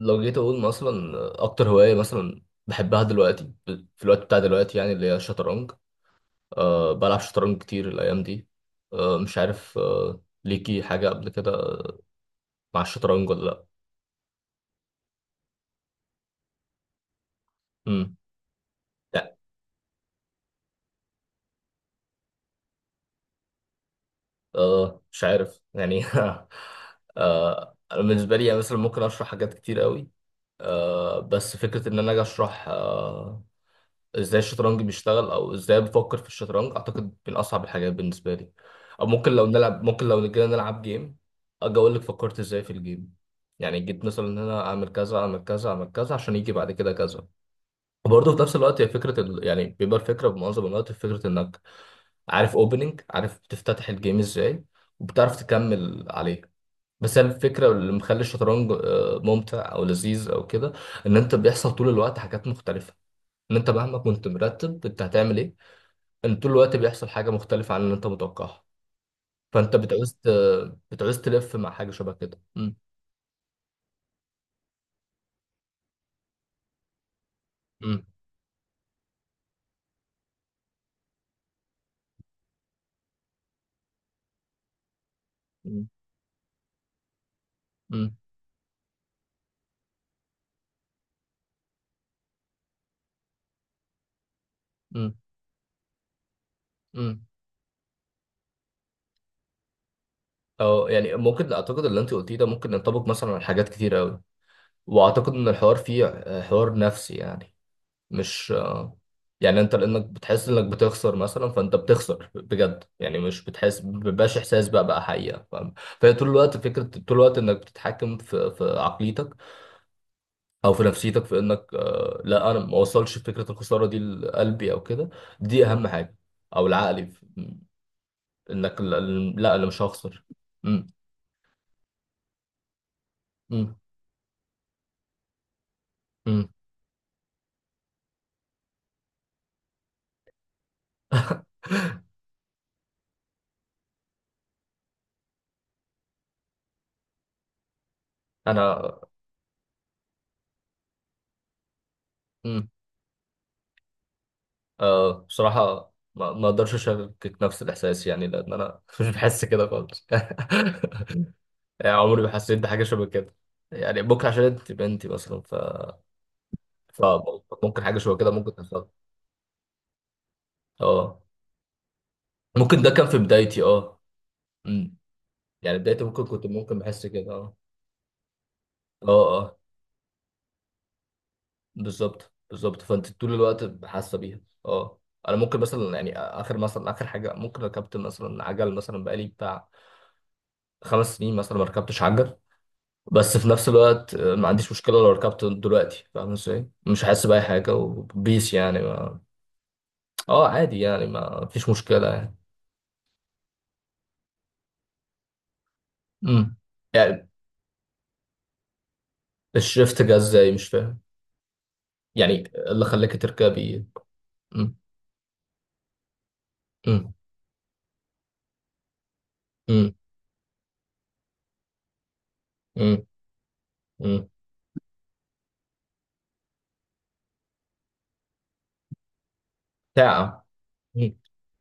لو جيت اقول مثلا اكتر هوايه مثلا بحبها دلوقتي في الوقت بتاع دلوقتي يعني اللي هي الشطرنج. أه بلعب شطرنج كتير الايام دي. أه مش عارف أه ليكي حاجه قبل كده مع الشطرنج ولا لا؟ امم. لا، أه مش عارف يعني أه انا بالنسبه لي يعني مثلا ممكن اشرح حاجات كتير قوي. أه بس فكره ان انا اجي اشرح ازاي الشطرنج بيشتغل او ازاي بفكر في الشطرنج اعتقد من اصعب الحاجات بالنسبه لي. او ممكن لو نلعب ممكن لو جينا نلعب جيم اجي اقول لك فكرت ازاي في الجيم. يعني جيت مثلا ان انا اعمل كذا اعمل كذا اعمل كذا عشان يجي بعد كده كذا. وبرضه في نفس الوقت هي فكره يعني بيبقى الفكره بمعظم الوقت في فكره انك عارف اوبننج، عارف تفتتح الجيم ازاي وبتعرف تكمل عليه. بس هي الفكره اللي مخلي الشطرنج ممتع او لذيذ او كده. ان انت بيحصل طول الوقت حاجات مختلفه، ان انت مهما كنت مرتب انت هتعمل ايه، ان طول الوقت بيحصل حاجه مختلفه عن اللي انت متوقعها. فانت بتعوز تلف مع حاجه شبه كده. امم. امم. امم. امم. امم. إمم. او يعني ممكن اعتقد اللي انت قلتيه ده ممكن ينطبق مثلا على حاجات كتير قوي. واعتقد ان الحوار فيه حوار نفسي، يعني مش يعني انت لانك بتحس انك بتخسر مثلا فانت بتخسر بجد، يعني مش بتحس، مبيبقاش احساس بقى، بقى حقيقه، فاهم؟ فهي طول الوقت فكره، طول الوقت انك بتتحكم في عقليتك او في نفسيتك، في انك لا، انا ما اوصلش فكره الخساره دي لقلبي او كده. دي اهم حاجه. او العقلي انك لا. لا، انا مش هخسر. مم. مم. مم. انا. مم. آه بصراحه ما اقدرش اشاركك نفس الاحساس، يعني لان انا مش بحس كده خالص يعني عمري ما حسيت بحاجه شبه كده. يعني ممكن عشان انت بنتي مثلا فممكن حاجه شبه كده ممكن تحصل. اه. ممكن ده كان في بدايتي، اه. يعني بدايته ممكن كنت، ممكن بحس كده، اه. اه. اه، بالظبط بالظبط، فانت طول الوقت حاسه بيها. اه. انا ممكن مثلا يعني اخر مثلا اخر حاجه ممكن ركبت مثلا عجل مثلا بقالي بتاع 5 سنين مثلا ما ركبتش عجل. بس في نفس الوقت ما عنديش مشكله لو ركبت دلوقتي، فاهم ازاي؟ مش حاسس باي حاجه وبيس، يعني ما... اه عادي، يعني ما فيش مشكله يعني. امم. يعني الشفت جه ازاي، مش فاهم يعني إيه اللي خلاك تركبي. امم. امم. امم. امم. ساعه؟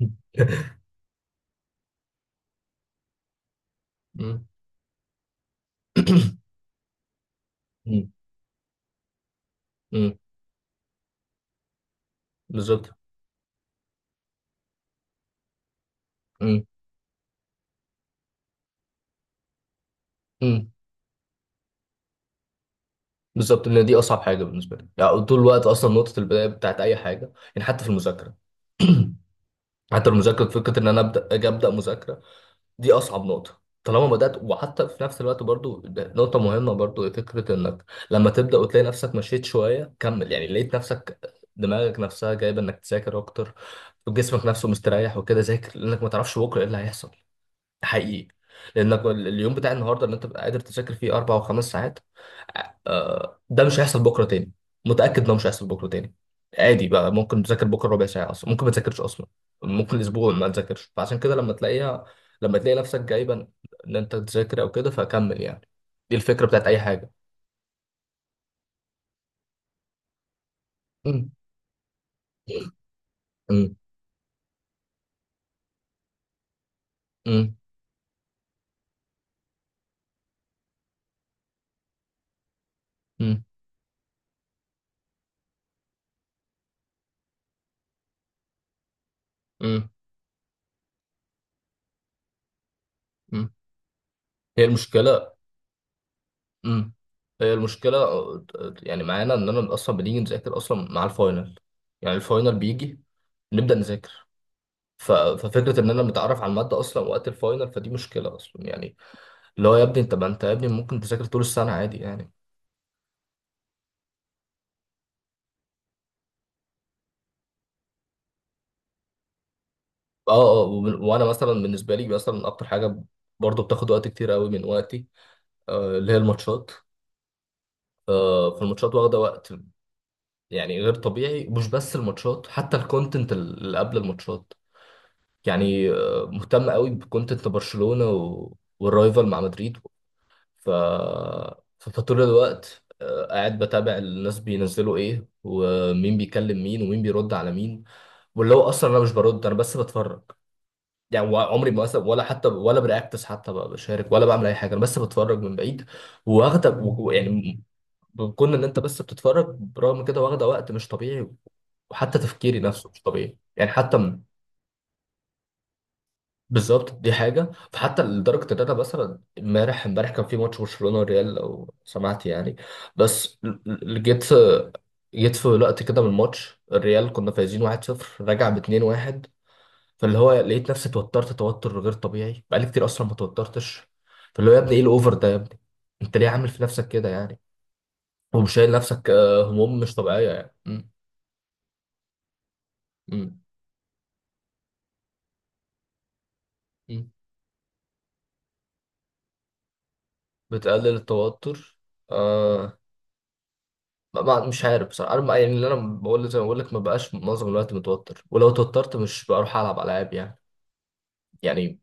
مم. مم. مم. بالظبط. مم. مم. بالظبط، لان دي اصعب حاجه بالنسبه لي، يعني طول الوقت اصلا نقطه البدايه بتاعت اي حاجه، يعني حتى في المذاكره. حتى المذاكره، فكره ان انا ابدا، اجي ابدا مذاكره، دي اصعب نقطه. طالما بدات، وحتى في نفس الوقت برضو ده نقطه مهمه برضو، فكره انك لما تبدا وتلاقي نفسك مشيت شويه كمل، يعني لقيت نفسك دماغك نفسها جايبه انك تذاكر اكتر، وجسمك نفسه مستريح وكده، ذاكر، لانك ما تعرفش بكره ايه اللي هيحصل. حقيقي. لانك اليوم بتاع النهارده اللي انت بتبقى قادر تذاكر فيه 4 و5 ساعات، ده مش هيحصل بكره تاني. متاكد ده مش هيحصل بكره تاني. عادي بقى، ممكن تذاكر بكره ربع ساعه، اصلا ممكن ما تذاكرش اصلا. ممكن اسبوع ما تذاكرش، فعشان كده لما تلاقيها، لما تلاقي نفسك جايبا ان انت تذاكر او كده فكمل يعني. دي الفكره بتاعت اي حاجه. مم. مم. مم. مم. مم. مم. هي المشكله. امم. هي المشكلة يعني معانا إننا أصلا بنيجي نذاكر أصلا مع الفاينل. يعني الفاينل بيجي نبدأ نذاكر، ف- ففكرة إننا نتعرف على المادة أصلا وقت الفاينل فدي مشكلة أصلا يعني. اللي هو يا ابني أنت، ما أنت يا ابني ممكن تذاكر طول السنة عادي يعني. أه أه وأنا مثلا بالنسبة لي مثلا أكتر حاجة برضه بتاخد وقت كتير قوي من وقتي، اللي هي الماتشات. فالماتشات واخدة وقت يعني غير طبيعي. مش بس الماتشات، حتى الكونتنت اللي قبل الماتشات. يعني مهتم قوي بكونتنت برشلونة والرايفل مع مدريد. ف... فطول الوقت قاعد بتابع الناس بينزلوا ايه ومين بيكلم مين ومين بيرد على مين، واللي هو اصلا انا مش برد، انا بس بتفرج يعني. عمري ما مثلا ولا حتى ولا برياكتس حتى بشارك، ولا بعمل اي حاجه، انا بس بتفرج من بعيد. واخده يعني كون ان انت بس بتتفرج، برغم كده واخده وقت مش طبيعي. وحتى تفكيري نفسه مش طبيعي يعني حتى. بالظبط دي حاجة. فحتى لدرجة إن أنا مثلا امبارح، امبارح كان في ماتش برشلونة والريال لو سمعت يعني. بس جيت، جيت في وقت كده من الماتش، الريال كنا فايزين 1-0 راجع ب 2-1. فاللي هو لقيت نفسي اتوترت توتر غير طبيعي، بقالي كتير أصلا ما توترتش. فاللي هو يا ابني إيه الأوفر ده يا ابني؟ أنت ليه عامل في نفسك كده يعني؟ ومش شايل نفسك هموم مش طبيعية، يعني م- م. بتقلل التوتر، آه، مش عارف بصراحه، انا يعني اللي انا بقول زي ما بقول لك، ما بقاش معظم الوقت متوتر، ولو توترت مش بروح العب العاب يعني. يعني.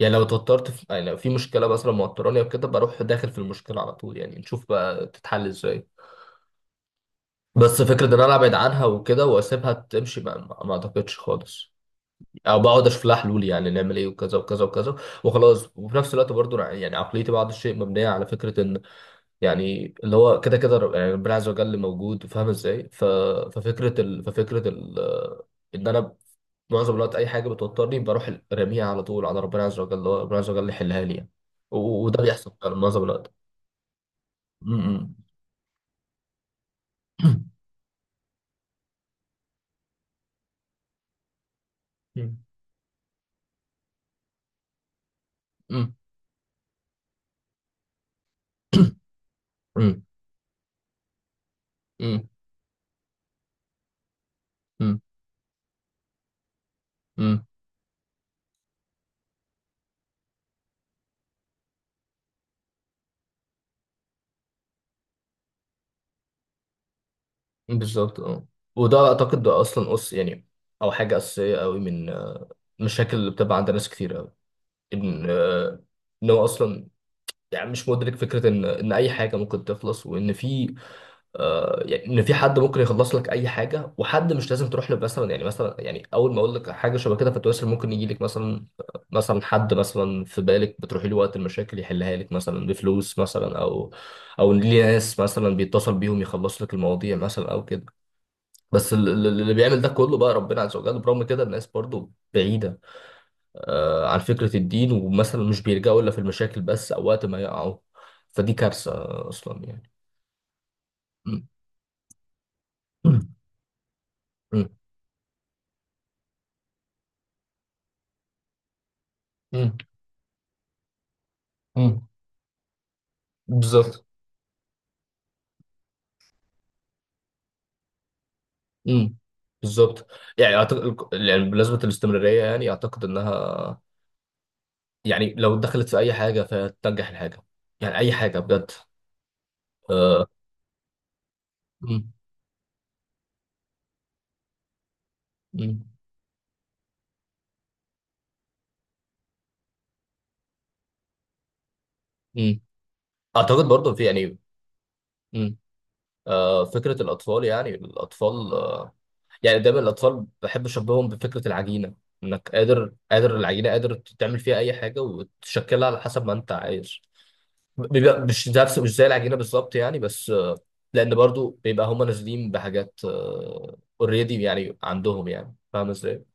يعني لو توترت في، يعني لو في مشكله مثلا موتراني او كده، بروح داخل في المشكله على طول، يعني نشوف بقى تتحل ازاي. بس فكره ان انا ابعد عنها وكده واسيبها تمشي، ما اعتقدش خالص. او بقعد اشوف لها حلول، يعني نعمل ايه وكذا وكذا وكذا وخلاص. وفي نفس الوقت برضو يعني عقليتي بعض الشيء مبنيه على فكره، يعني اللي هو كده كده يعني ربنا عز وجل موجود، فاهم ازاي؟ ف... ففكره ال... ففكره ال... ان انا معظم الوقت اي حاجه بتوترني بروح راميها على طول على ربنا عز وجل، هو ربنا عز وجل يحلها لي يعني. و... وده بيحصل فعلا معظم الوقت. م. م. م. م. م. م. م. م. بالظبط اه. وده اعتقد ده اصلا اس يعني، او حاجه اساسيه قوي من المشاكل اللي بتبقى عند ناس كتير قوي، ان ان هو اصلا يعني مش مدرك فكرة إن أي حاجة ممكن تخلص، وإن في، آه يعني إن في حد ممكن يخلص لك أي حاجة، وحد مش لازم تروح له مثلا يعني، مثلا يعني أول ما أقول لك حاجة شبه كده فتواصل ممكن يجي لك مثلا، مثلا حد مثلا في بالك بتروحي له وقت المشاكل يحلها لك مثلا بفلوس مثلا، أو أو ليه ناس مثلا بيتصل بيهم يخلص لك المواضيع مثلا أو كده. بس اللي بيعمل ده كله بقى ربنا عز وجل. برغم كده الناس برضو بعيدة عن فكرة الدين، ومثلا مش بيلجأوا إلا في المشاكل بس، أو وقت ما يقعوا. فدي كارثة أصلا يعني. مم. مم. مم. مم. مم. بالظبط. مم. بالظبط. يعني أعتقد، يعني بالنسبة للاستمرارية يعني أعتقد إنها، يعني لو دخلت في أي حاجة فهتنجح الحاجة، يعني أي حاجة بجد. آه. مم. مم. مم. أعتقد برضه في يعني. مم. فكرة الأطفال، يعني الأطفال، يعني دايما الاطفال بحب اشبههم بفكره العجينه، انك قادر، قادر العجينه قادر تعمل فيها اي حاجه وتشكلها على حسب ما انت عايز. بيبقى مش نفس، مش زي العجينه بالظبط يعني، بس لان برضو بيبقى هم نازلين بحاجات اوريدي يعني عندهم، يعني فاهم ازاي.